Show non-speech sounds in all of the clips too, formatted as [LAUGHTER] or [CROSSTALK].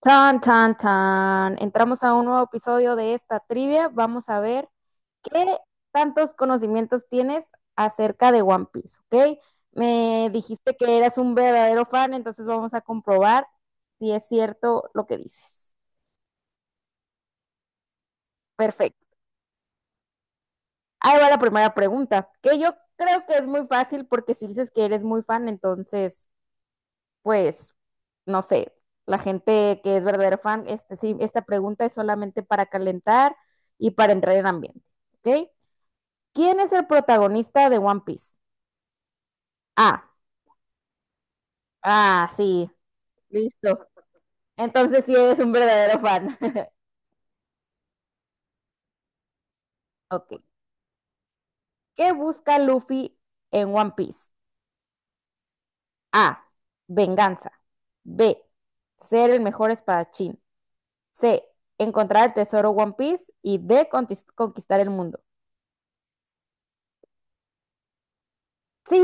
Tan, tan, tan. Entramos a un nuevo episodio de esta trivia. Vamos a ver qué tantos conocimientos tienes acerca de One Piece, ¿ok? Me dijiste que eras un verdadero fan, entonces vamos a comprobar si es cierto lo que dices. Perfecto. Ahí va la primera pregunta, que yo creo que es muy fácil porque si dices que eres muy fan, entonces pues, no sé, la gente que es verdadero fan, sí, esta pregunta es solamente para calentar y para entrar en ambiente, ¿ok? ¿Quién es el protagonista de One Piece? Ah, ah, sí, listo. Entonces sí es un verdadero fan. [LAUGHS] Ok. ¿Qué busca Luffy en One Piece? A. Venganza. B. Ser el mejor espadachín. C. Encontrar el tesoro One Piece. Y D. Conquistar el mundo. Sí,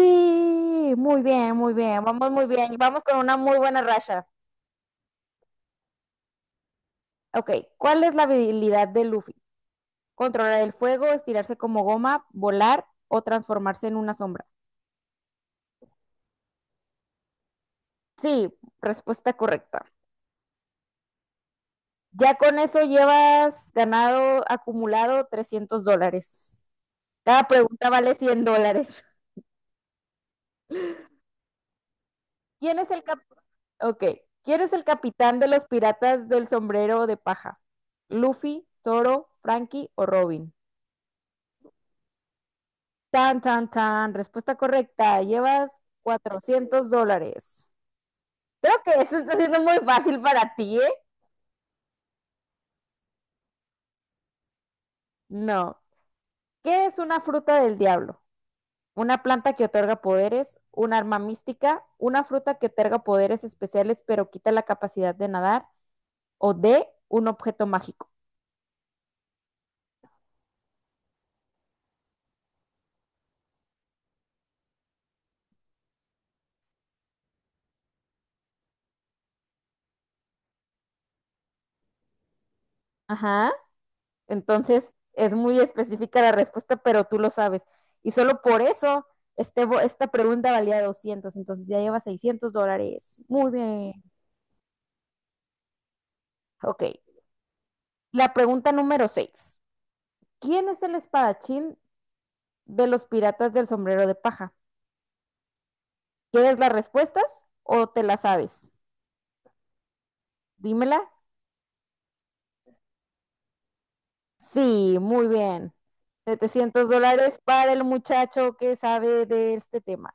muy bien, muy bien. Vamos muy bien. Vamos con una muy buena racha. Ok, ¿cuál es la habilidad de Luffy? Controlar el fuego, estirarse como goma, volar o transformarse en una sombra. Sí, respuesta correcta. Ya con eso llevas ganado acumulado $300. Cada pregunta vale $100. [LAUGHS] ¿Quién es el cap- Ok, ¿quién es el capitán de los piratas del sombrero de paja? ¿Luffy, Zoro, Frankie o Robin? Tan, tan, tan. Respuesta correcta. Llevas $400. Creo que eso está siendo muy fácil para ti, ¿eh? No. ¿Qué es una fruta del diablo? Una planta que otorga poderes, un arma mística, una fruta que otorga poderes especiales pero quita la capacidad de nadar, o de un objeto mágico. Ajá. Entonces, es muy específica la respuesta, pero tú lo sabes. Y solo por eso, esta pregunta valía 200, entonces ya lleva $600. Muy bien. Ok. La pregunta número 6. ¿Quién es el espadachín de los piratas del sombrero de paja? ¿Quieres las respuestas o te las sabes? Dímela. Sí, muy bien. $700 para el muchacho que sabe de este tema.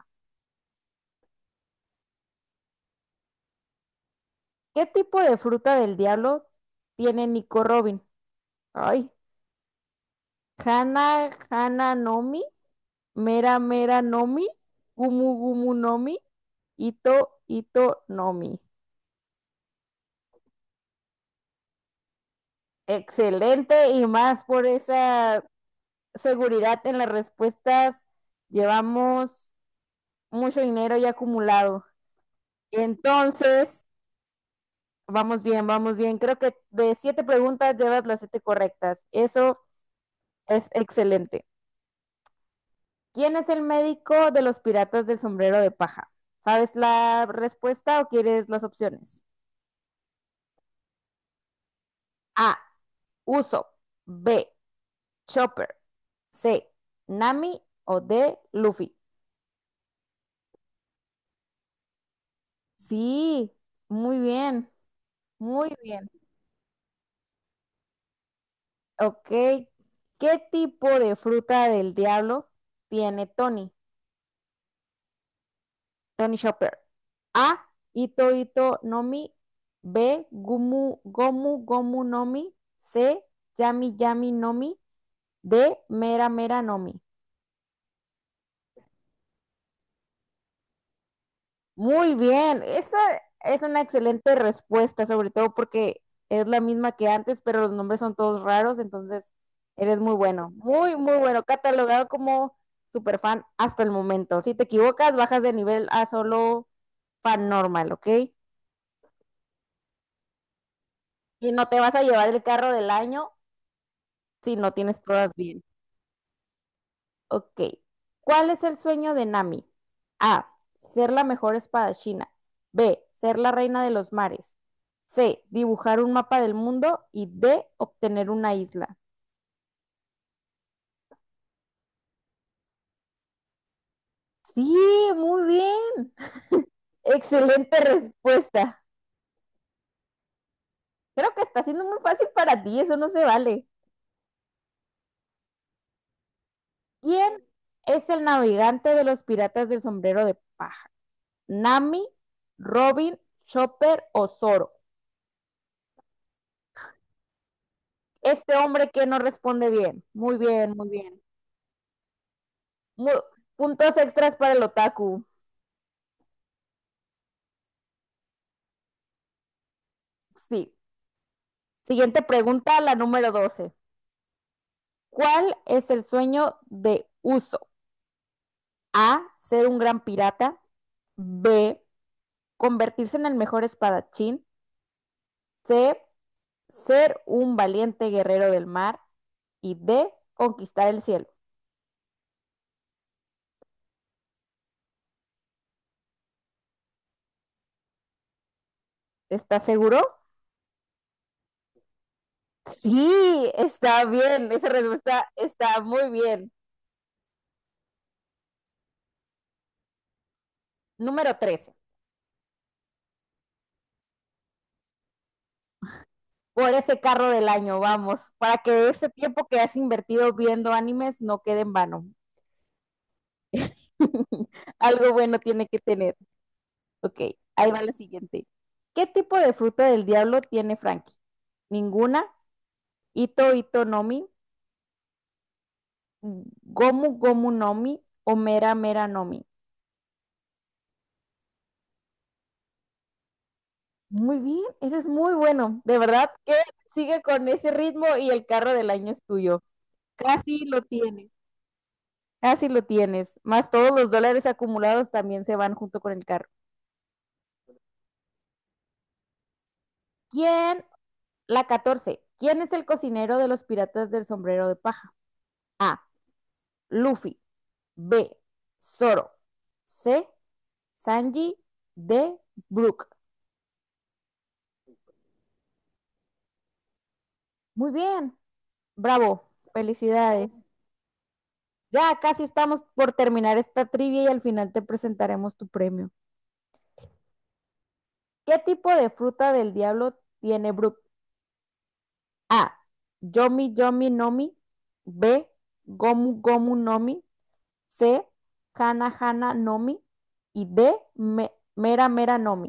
¿Qué tipo de fruta del diablo tiene Nico Robin? Ay, Hana, Hana Nomi, Mera Mera Nomi, Gumu Gumu Nomi, Ito Ito Nomi. Excelente y más por esa seguridad en las respuestas. Llevamos mucho dinero ya acumulado. Entonces, vamos bien, vamos bien. Creo que de siete preguntas llevas las siete correctas. Eso es excelente. ¿Quién es el médico de los piratas del sombrero de paja? ¿Sabes la respuesta o quieres las opciones? A. Uso. B. Chopper. C. Nami o D. Luffy. Sí, muy bien, muy bien. Ok, ¿qué tipo de fruta del diablo tiene Tony? Tony Shopper. A, Ito Ito Nomi. B, Gumu Gomu Gomu Nomi. C, Yami Yami Nomi. D, Mera Mera Nomi. Muy bien, esa es una excelente respuesta, sobre todo porque es la misma que antes, pero los nombres son todos raros, entonces eres muy bueno, muy bueno, catalogado como superfan hasta el momento. Si te equivocas, bajas de nivel a solo fan normal, ¿ok? Y no te vas a llevar el carro del año si no tienes todas bien. Ok. ¿Cuál es el sueño de Nami? A. Ser la mejor espadachina. B. Ser la reina de los mares. C. Dibujar un mapa del mundo. Y D. Obtener una isla. Sí, muy bien. Excelente respuesta. Creo que está siendo muy fácil para ti, eso no se vale. ¿Quién es el navegante de los piratas del sombrero de paja? ¿Nami, Robin, Chopper o Zoro? Este hombre que no responde bien. Muy bien, muy bien. Mu- Puntos extras para el otaku. Sí. Siguiente pregunta, la número 12. ¿Cuál es el sueño de Uso? A, ser un gran pirata. B, convertirse en el mejor espadachín. C, ser un valiente guerrero del mar. Y D, conquistar el cielo. ¿Estás seguro? Sí, está bien. Esa respuesta está muy bien. Número 13. Por ese carro del año, vamos, para que ese tiempo que has invertido viendo animes no quede en vano. [LAUGHS] Algo bueno tiene que tener. Ok, ahí va la siguiente. ¿Qué tipo de fruta del diablo tiene Frankie? Ninguna. Ito Ito Nomi, Gomu Gomu Nomi o Mera Mera Nomi. Muy bien, eres muy bueno. De verdad que sigue con ese ritmo y el carro del año es tuyo. Casi lo tienes. Así lo tienes. Más todos los dólares acumulados también se van junto con el carro. ¿Quién? La 14. ¿Quién es el cocinero de los piratas del sombrero de paja? A. Luffy. B. Zoro. C. Sanji. D. Brook. Muy bien. Bravo. Felicidades. Ya casi estamos por terminar esta trivia y al final te presentaremos tu premio. ¿Qué tipo de fruta del diablo tiene Brook? A. Yomi Yomi Nomi. B. Gomu Gomu Nomi. C. Hana Hana Nomi. Y D. Mera Mera Nomi.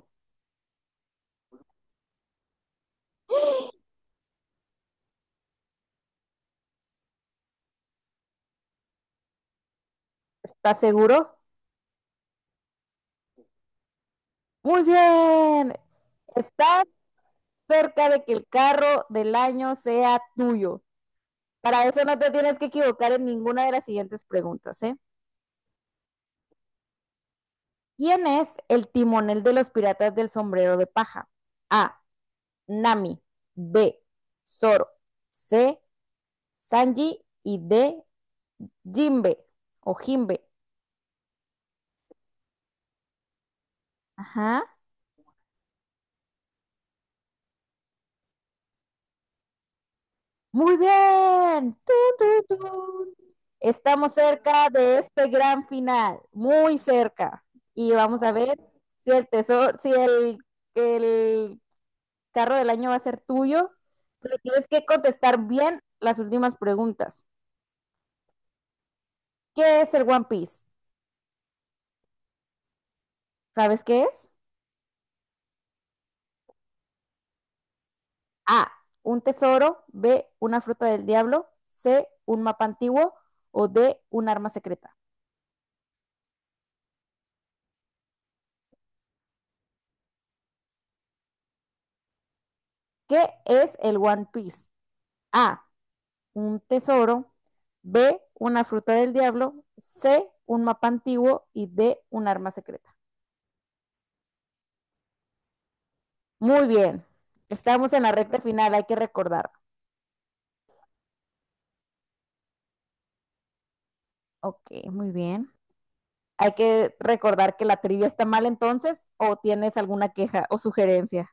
¿Estás seguro? Muy bien. Estás cerca de que el carro del año sea tuyo. Para eso no te tienes que equivocar en ninguna de las siguientes preguntas, ¿eh? ¿Quién es el timonel de los piratas del sombrero de paja? A. Nami. B. Zoro. C. Sanji. Y D. Jimbe o Jimbe. Ajá. Muy bien. Tun, tun, tun. Estamos cerca de este gran final, muy cerca. Y vamos a ver si el tesoro, si el, el carro del año va a ser tuyo. Pero tienes que contestar bien las últimas preguntas. ¿Qué es el One Piece? ¿Sabes qué es? A, un tesoro, B, una fruta del diablo, C, un mapa antiguo o D, un arma secreta. ¿Qué es el One Piece? A, un tesoro, B, una fruta del diablo, C, un mapa antiguo y D, un arma secreta. Muy bien, estamos en la recta final, hay que recordar. Ok, muy bien. Hay que recordar que la trivia está mal entonces o tienes alguna queja o sugerencia.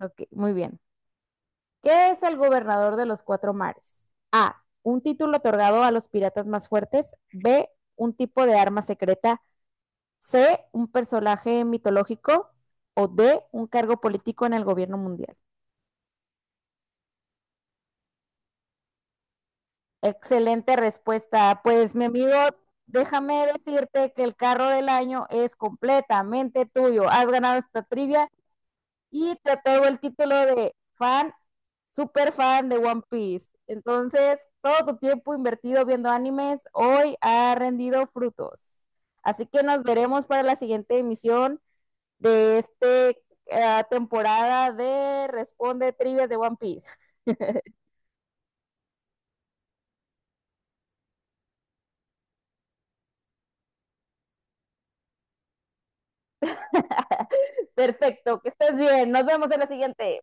Ok, muy bien. ¿Qué es el gobernador de los cuatro mares? A, un título otorgado a los piratas más fuertes, B, un tipo de arma secreta, C, un personaje mitológico o D, un cargo político en el gobierno mundial. Excelente respuesta. Pues mi amigo, déjame decirte que el carro del año es completamente tuyo. Has ganado esta trivia y te otorgo el título de fan, super fan de One Piece. Entonces, todo tu tiempo invertido viendo animes hoy ha rendido frutos. Así que nos veremos para la siguiente emisión de esta temporada de Responde Trivias de One Piece. [LAUGHS] Perfecto, que estés bien. Nos vemos en la siguiente.